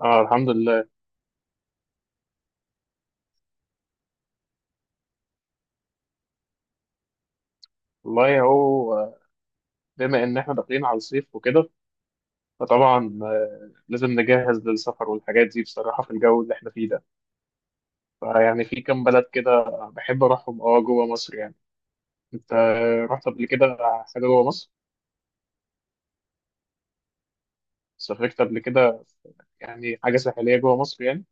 اه الحمد لله. والله هو بما ان احنا داخلين على الصيف وكده فطبعا لازم نجهز للسفر والحاجات دي بصراحة في الجو اللي احنا فيه ده. فيعني في كام بلد كده بحب اروحهم اه، جوه مصر يعني. انت رحت قبل كده حاجة جوه مصر؟ سافرت قبل كده؟ يعني حاجة ساحلية جوه مصر يعني.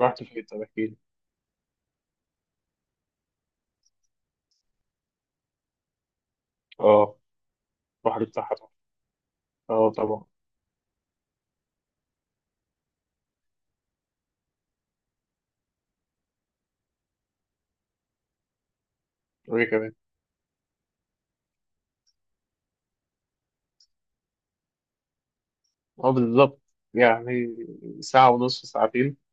رحت فين؟ طب احكي لي. اه، البحر بتاعها طبعا. اه طبعا. وايه كمان؟ اه بالظبط، يعني ساعة ونص، ساعتين.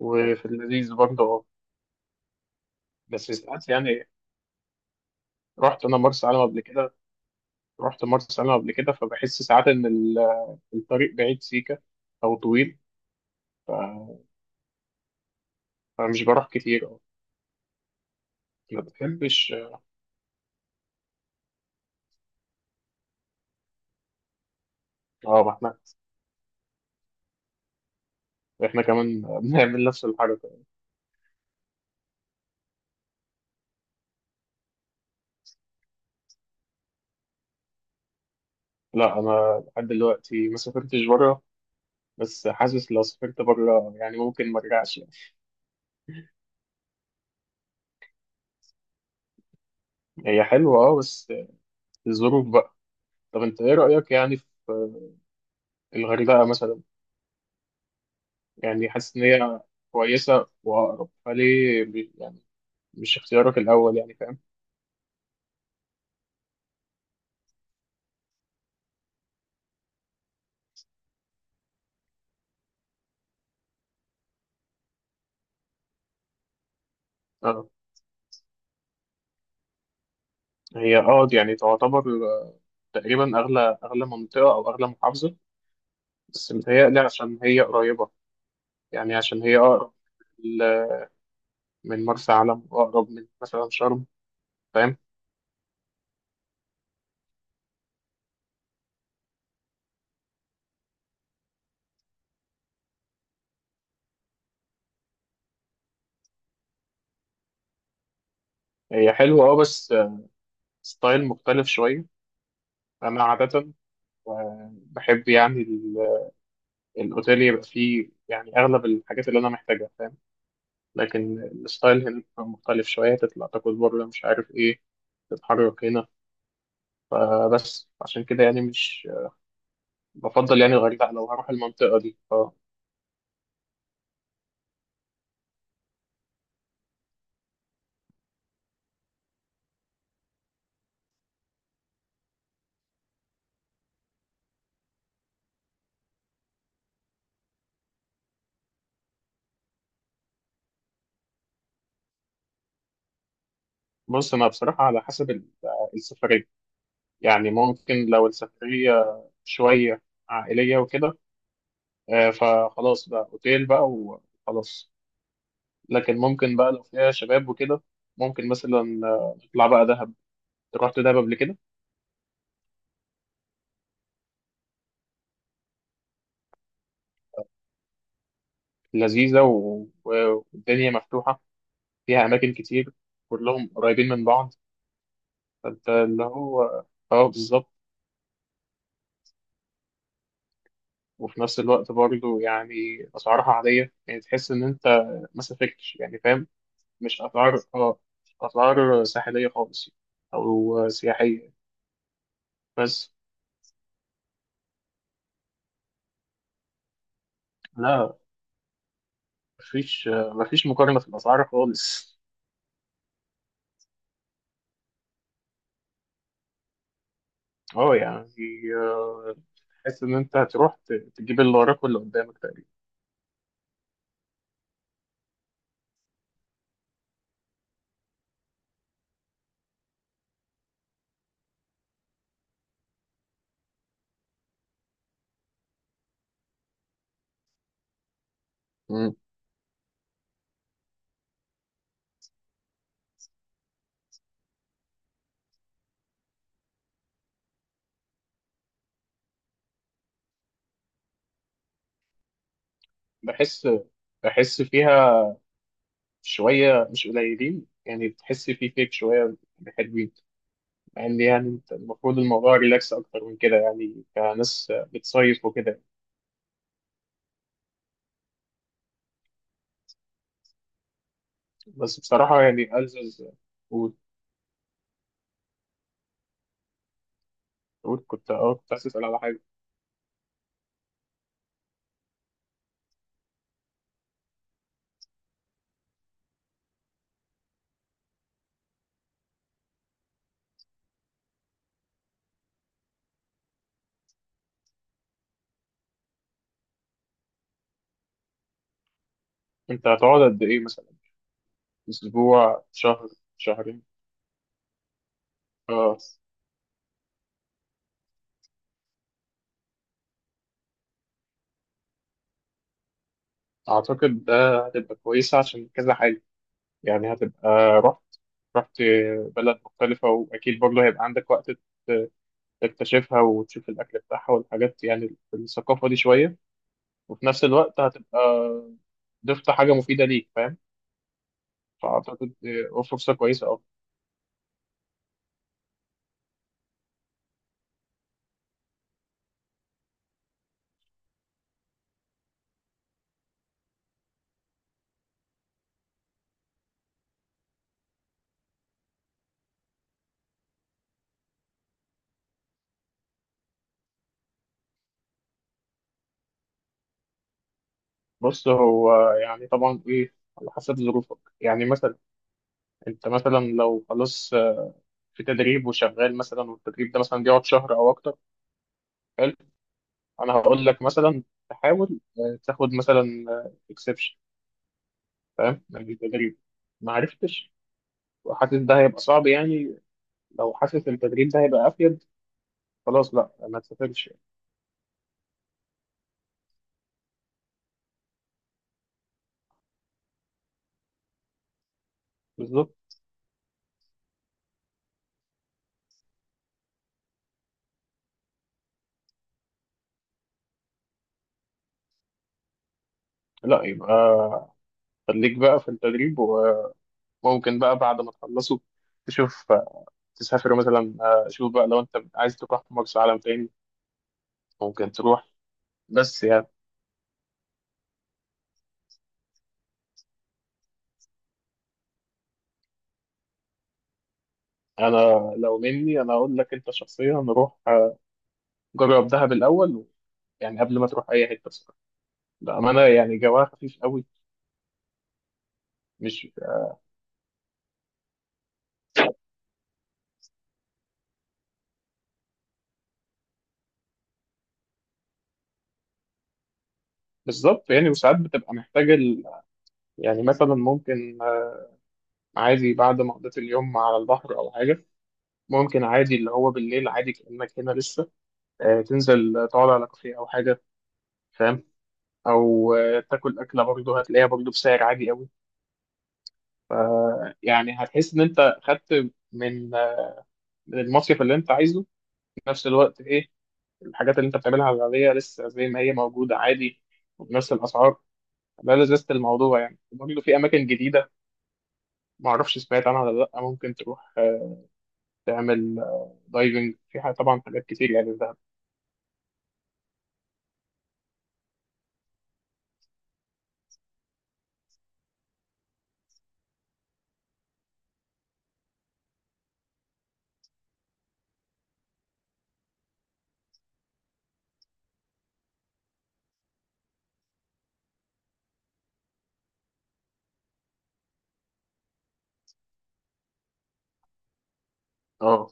وفي اللذيذ برضه اه، بس ساعات يعني. رحت انا مرسى علم قبل كده، رحت مرسى علم قبل كده، فبحس ساعات ان الطريق بعيد سيكه او طويل. ف- فمش بروح كتير أو ما بحبش. اه، ما احنا، احنا كمان بنعمل نفس الحركه. لا، انا لحد دلوقتي ما سافرتش بره. بس حاسس لو سافرت بره يعني ممكن ما ارجعش يعني. هي حلوه اه، بس الظروف بقى. طب انت ايه رايك يعني في الغردقه مثلا؟ يعني حاسس ان هي كويسه واقرب فليه، يعني مش اختيارك الاول يعني، فاهم. آه. هي اه، دي يعني تعتبر، آه، تقريبا اغلى اغلى منطقه او اغلى محافظه. بس متهيألي عشان هي قريبه، يعني عشان هي اقرب ل- من مرسى علم واقرب من مثلا شرم، فاهم. هي حلوه اه بس ستايل مختلف شويه. انا عاده آه، بحب يعني الاوتيل يبقى فيه يعني اغلب الحاجات اللي انا محتاجها، فاهم. لكن الستايل هنا بيبقى مختلف شويه، تطلع تاكل بره مش عارف ايه، تتحرك هنا. فبس عشان كده يعني مش بفضل يعني الغردقة لو هروح المنطقة دي اه. بص، أنا بصراحة على حسب السفرية. يعني ممكن لو السفرية شوية عائلية وكده فخلاص بقى أوتيل بقى وخلاص. لكن ممكن بقى لو فيها شباب وكده ممكن مثلا نطلع بقى دهب، رحت دهب قبل كده. لذيذة والدنيا مفتوحة فيها أماكن كتير كلهم قريبين من بعض. فأنت اللي هو اه، بالظبط. وفي نفس الوقت برضه يعني أسعارها عادية، يعني تحس إن أنت ما سافرتش يعني، فاهم. مش أسعار، أسعار ساحلية خالص أو سياحية. بس لا، مفيش مقارنة في الأسعار خالص. اه يعني تحس إن أنت هتروح تجيب اللي وراك واللي قدامك تقريبا. مم. بحس بحس فيها شوية مش قليلين يعني، تحس في فيك شوية حلوين. مع ان يعني انت المفروض الموضوع ريلاكس اكتر من كده يعني كناس بتصيف وكده. بس بصراحه يعني ألزز. قول، قول كنت كنت عايز اسال على حاجه. انت هتقعد قد ايه مثلا؟ اسبوع، شهر، شهرين؟ اه، اعتقد ده هتبقى كويسه عشان كذا حاجه. يعني هتبقى، رحت رحت بلد مختلفه واكيد برضه هيبقى عندك وقت ت- تكتشفها وتشوف الاكل بتاعها والحاجات يعني الثقافه دي شويه. وفي نفس الوقت هتبقى ضفت حاجه مفيده ليك، فاهم. فأعتقد فرصة كويسة أوي. بص، هو يعني طبعا إيه، على حسب ظروفك، يعني مثلا أنت مثلا لو خلاص في تدريب وشغال مثلا والتدريب ده مثلا بيقعد شهر أو أكتر. حلو، أنا هقول لك مثلا تحاول تاخد مثلا إكسبشن، فاهم، من التدريب. ما عرفتش وحاسس ده هيبقى صعب يعني، لو حاسس التدريب ده هيبقى أفيد خلاص، لا ما تسافرش. بالظبط. لا يبقى خليك بقى في التدريب. وممكن بقى بعد ما تخلصه تشوف تسافر مثلا، شوف بقى لو انت عايز تروح مرسى علم تاني ممكن تروح. بس يعني انا، لو مني انا اقول لك انت شخصيا روح، جرب دهب الاول. يعني قبل ما تروح اي حته، بصراحه بامانه يعني جواها خفيف قوي. مش بالظبط يعني، وساعات بتبقى محتاج يعني مثلا ممكن عادي بعد ما قضيت اليوم على البحر او حاجه ممكن عادي، اللي هو بالليل عادي كأنك هنا لسه، تنزل تقعد على كافيه او حاجه، فاهم. او تاكل اكله برضه هتلاقيها برضه بسعر عادي قوي. يعني هتحس ان انت خدت من من المصيف اللي انت عايزه، في نفس الوقت ايه الحاجات اللي انت بتعملها العاديه لسه زي ما هي موجوده عادي وبنفس الاسعار. ده لذة الموضوع، يعني برضه في اماكن جديده. ما اعرفش سمعت عنها ولا لا، ممكن تروح تعمل دايفنج في طبعا حاجات كتير يعني في دهب. اه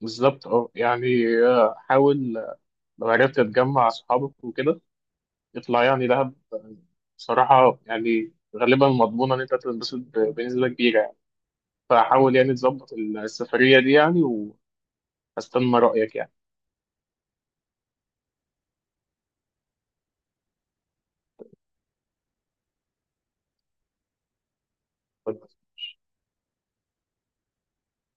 بالظبط، اه يعني حاول لو عرفت تجمع اصحابك وكده اطلع يعني دهب بصراحه يعني غالبا مضمونه ان انت تنبسط بنسبه كبيره يعني. فحاول يعني تظبط السفرية دي يعني، وهستنى رأيك يعني